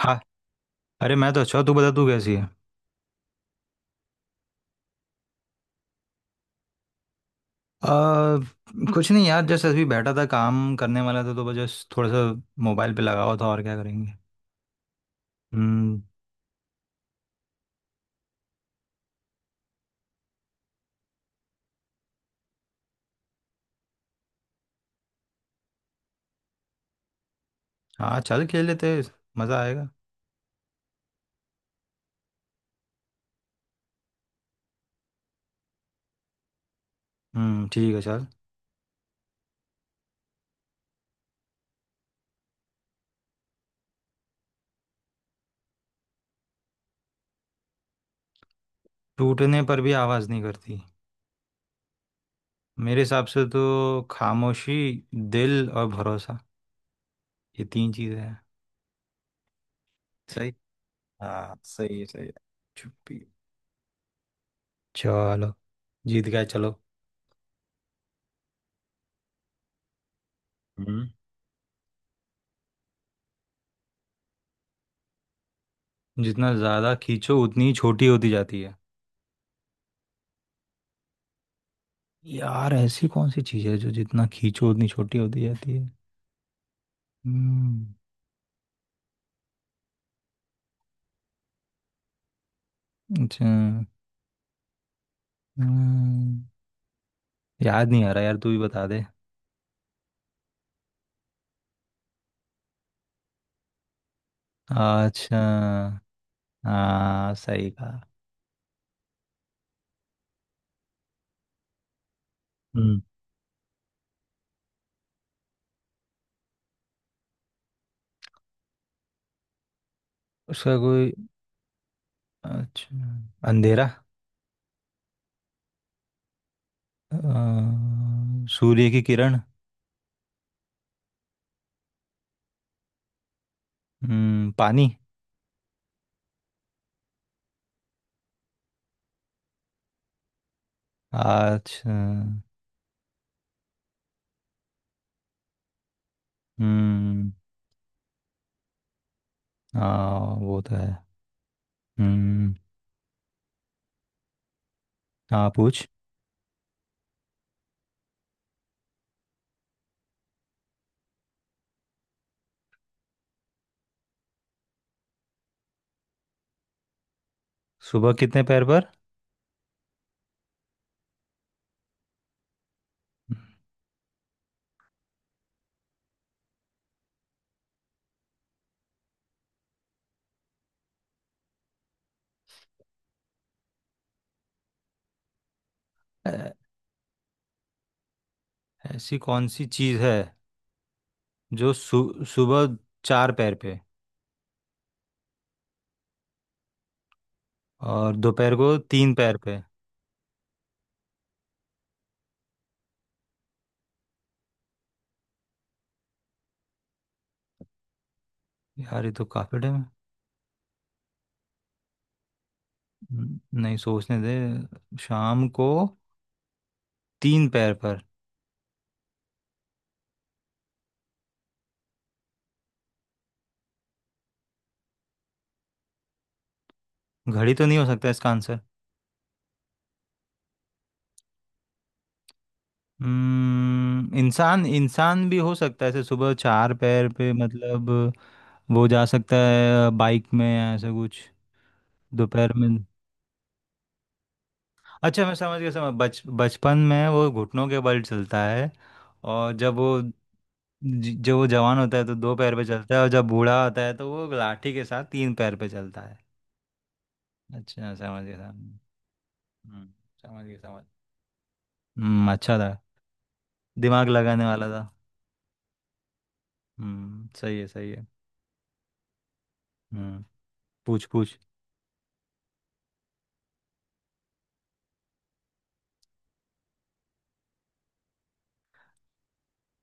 हाँ। अरे मैं तो अच्छा हूँ, तू बता तू कैसी है। आ, कुछ नहीं यार जस्ट अभी बैठा था, काम करने वाला था, तो बस just थोड़ा सा मोबाइल पे लगा हुआ था, और क्या करेंगे। हम्म। हाँ चल खेल लेते हैं, मज़ा आएगा। हम्म, ठीक है चल। टूटने पर भी आवाज़ नहीं करती? मेरे हिसाब से तो खामोशी, दिल और भरोसा, ये तीन चीज़ें हैं। सही। हाँ सही है सही है। चुप्पी। चलो, जीत गए चलो। हम्म, जितना ज़्यादा खींचो उतनी ही छोटी होती जाती है। यार ऐसी कौन सी चीज है जो जितना खींचो उतनी छोटी होती जाती है। हम्म। अच्छा। हम्म, याद नहीं आ रहा यार, तू ही बता दे। अच्छा। हाँ सही कहा। हम्म। उसका कोई। अच्छा। अंधेरा। सूर्य की किरण। हम्म, पानी। अच्छा। हम्म। हाँ वो तो है। हम्म। हाँ पूछ। सुबह कितने पैर पर? अ, ऐसी कौन सी चीज है जो सुबह चार पैर पे और दोपहर को तीन पैर पे। यार ये तो काफी टाइम। नहीं सोचने दे, शाम को तीन पैर पर। घड़ी तो नहीं हो सकता इसका आंसर? इंसान, इंसान भी हो सकता है ऐसे, सुबह चार पैर पे मतलब। वो जा सकता है बाइक में या ऐसा कुछ। दोपहर में। अच्छा मैं समझ गया, समझ बच बचपन में वो घुटनों के बल चलता है, और जब वो जो वो जवान होता है तो दो पैर पे चलता है, और जब बूढ़ा होता है तो वो लाठी के साथ तीन पैर पे चलता है। अच्छा समझ गया समझ गया। हम्म। समझ गया समझ गया। हम्म, अच्छा था, दिमाग लगाने वाला था। हम्म, सही है सही है। हम्म, पूछ पूछ।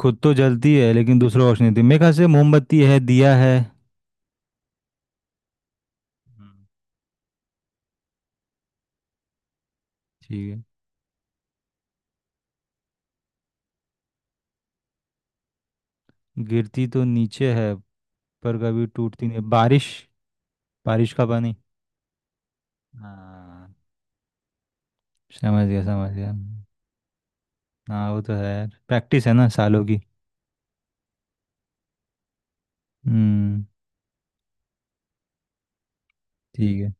खुद तो जलती है लेकिन दूसरों को रोशनी देती है। मेरे ख्याल से मोमबत्ती है, दिया है। हम्म, ठीक है। गिरती तो नीचे है पर कभी टूटती नहीं, बारिश, बारिश का पानी। हाँ। समझ गया समझ गया। हाँ वो तो है, प्रैक्टिस है ना सालों की। हम्म। ठीक है।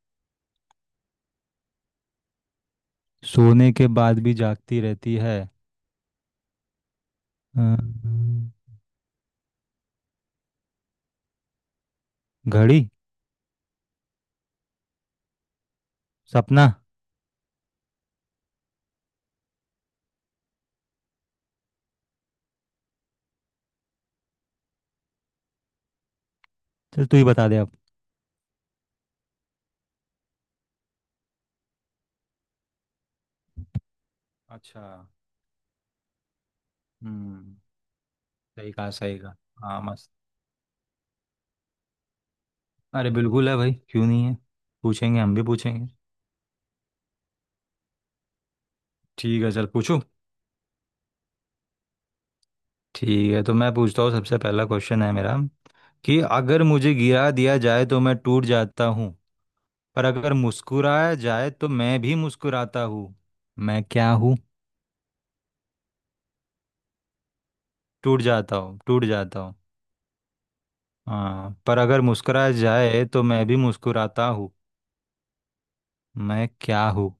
सोने के बाद भी जागती रहती है। अम्म, घड़ी। सपना। चल तू ही बता दे अब। अच्छा। हम्म, सही कहा सही कहा। हाँ मस्त। अरे बिल्कुल है भाई, क्यों नहीं है। पूछेंगे, हम भी पूछेंगे। ठीक है चल पूछू। ठीक है, तो मैं पूछता हूँ, सबसे पहला क्वेश्चन है मेरा कि अगर मुझे गिरा दिया जाए तो मैं टूट जाता हूँ, पर अगर मुस्कुराया जाए तो मैं भी मुस्कुराता हूँ। मैं क्या हूँ? टूट जाता हूँ टूट जाता हूँ। हाँ, पर अगर मुस्कुराया जाए तो मैं भी मुस्कुराता हूँ। मैं क्या हूँ?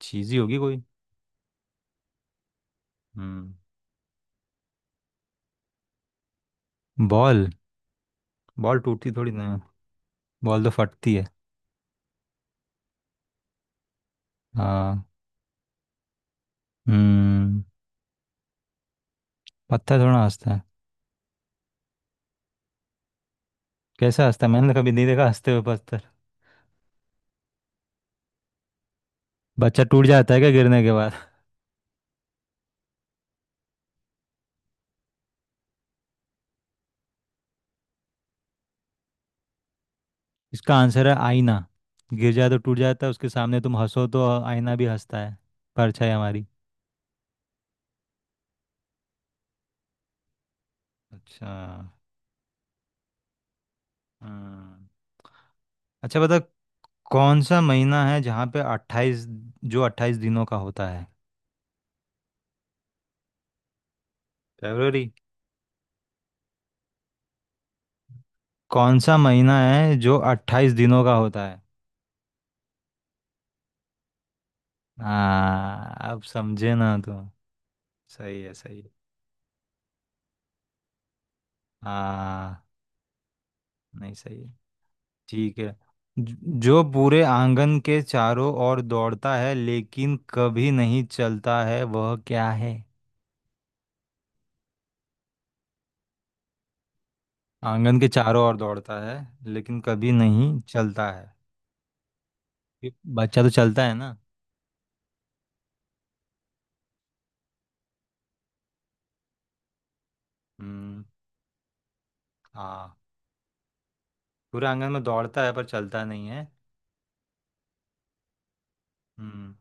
चीज़ ही होगी कोई। हम्म। बॉल। बॉल टूटती थोड़ी ना है, बॉल तो फटती है। हाँ। हम्म। पत्थर थोड़ा हंसता है? कैसे हंसता है, मैंने तो कभी नहीं देखा हंसते हुए पत्थर। बच्चा टूट जाता है क्या गिरने के बाद? इसका आंसर है आईना। गिर जाए तो टूट जाता है, उसके सामने तुम हंसो तो आईना भी हंसता है। परछाई हमारी। अच्छा। हम्म। अच्छा बता, कौन सा महीना है जहाँ पे अट्ठाईस, जो अट्ठाईस दिनों का होता है। फरवरी। कौन सा महीना है जो अट्ठाईस दिनों का होता है? हाँ अब समझे ना तो। सही है सही है। हाँ। नहीं सही है। ठीक है। ज- जो पूरे आंगन के चारों ओर दौड़ता है लेकिन कभी नहीं चलता है वह क्या है? आंगन के चारों ओर दौड़ता है लेकिन कभी नहीं चलता है। ये बच्चा तो चलता है ना। हम्म। हाँ, पूरा आंगन में दौड़ता है पर चलता नहीं है। हम्म।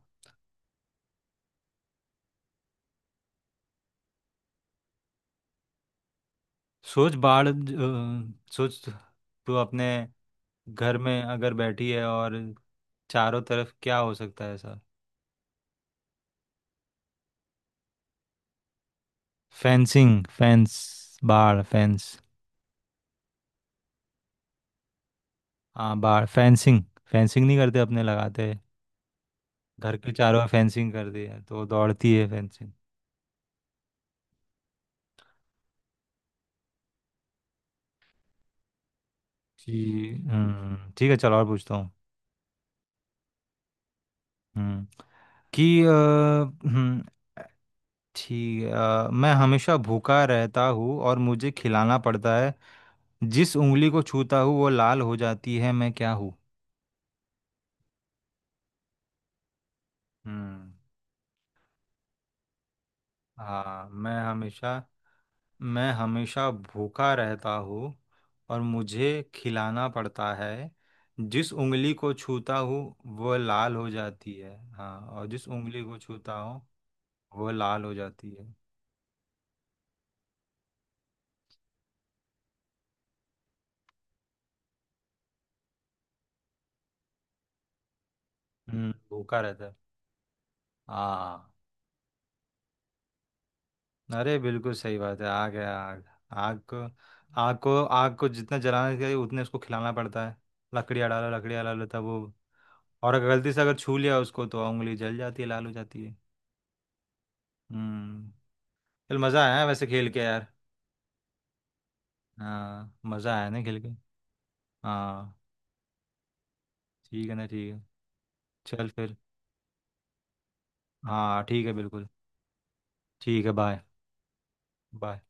सोच, सोच, तू अपने घर में अगर बैठी है और चारों तरफ क्या हो सकता है ऐसा। फेंसिंग, फेंस, बाढ़, फेंस। हाँ, बाढ़, फेंसिंग। फेंसिंग नहीं करते अपने, लगाते हैं। घर के चारों ओर फेंसिंग कर दी है तो दौड़ती है फेंसिंग। कि। हम्म, ठीक है चलो और पूछता हूँ। हम्म। कि अ, हम्म। ठीक है, मैं हमेशा भूखा रहता हूँ और मुझे खिलाना पड़ता है। जिस उंगली को छूता हूँ वो लाल हो जाती है। मैं क्या हूँ? हम्म। हाँ। मैं हमेशा भूखा रहता हूँ और मुझे खिलाना पड़ता है। जिस उंगली को छूता हूँ वो लाल हो जाती है। हाँ, और जिस उंगली को छूता हूँ वो लाल हो जाती है। हम्म, भूखा रहता है। हाँ, अरे बिल्कुल सही बात है, आग है, आग। आग को, आग को आग को जितना जलाना चाहिए उतने उसको खिलाना पड़ता है। लकड़ियाँ डालो तब वो, और अगर गलती से अगर छू लिया उसको तो उंगली जल जाती है, लाल हो जाती है। हम्म। चल मज़ा आया वैसे खेल के यार। हाँ मज़ा आया ना खेल के। हाँ। ठीक है ना, ठीक है। चल फिर। हाँ ठीक है, बिल्कुल। ठीक है, बाय। बाय।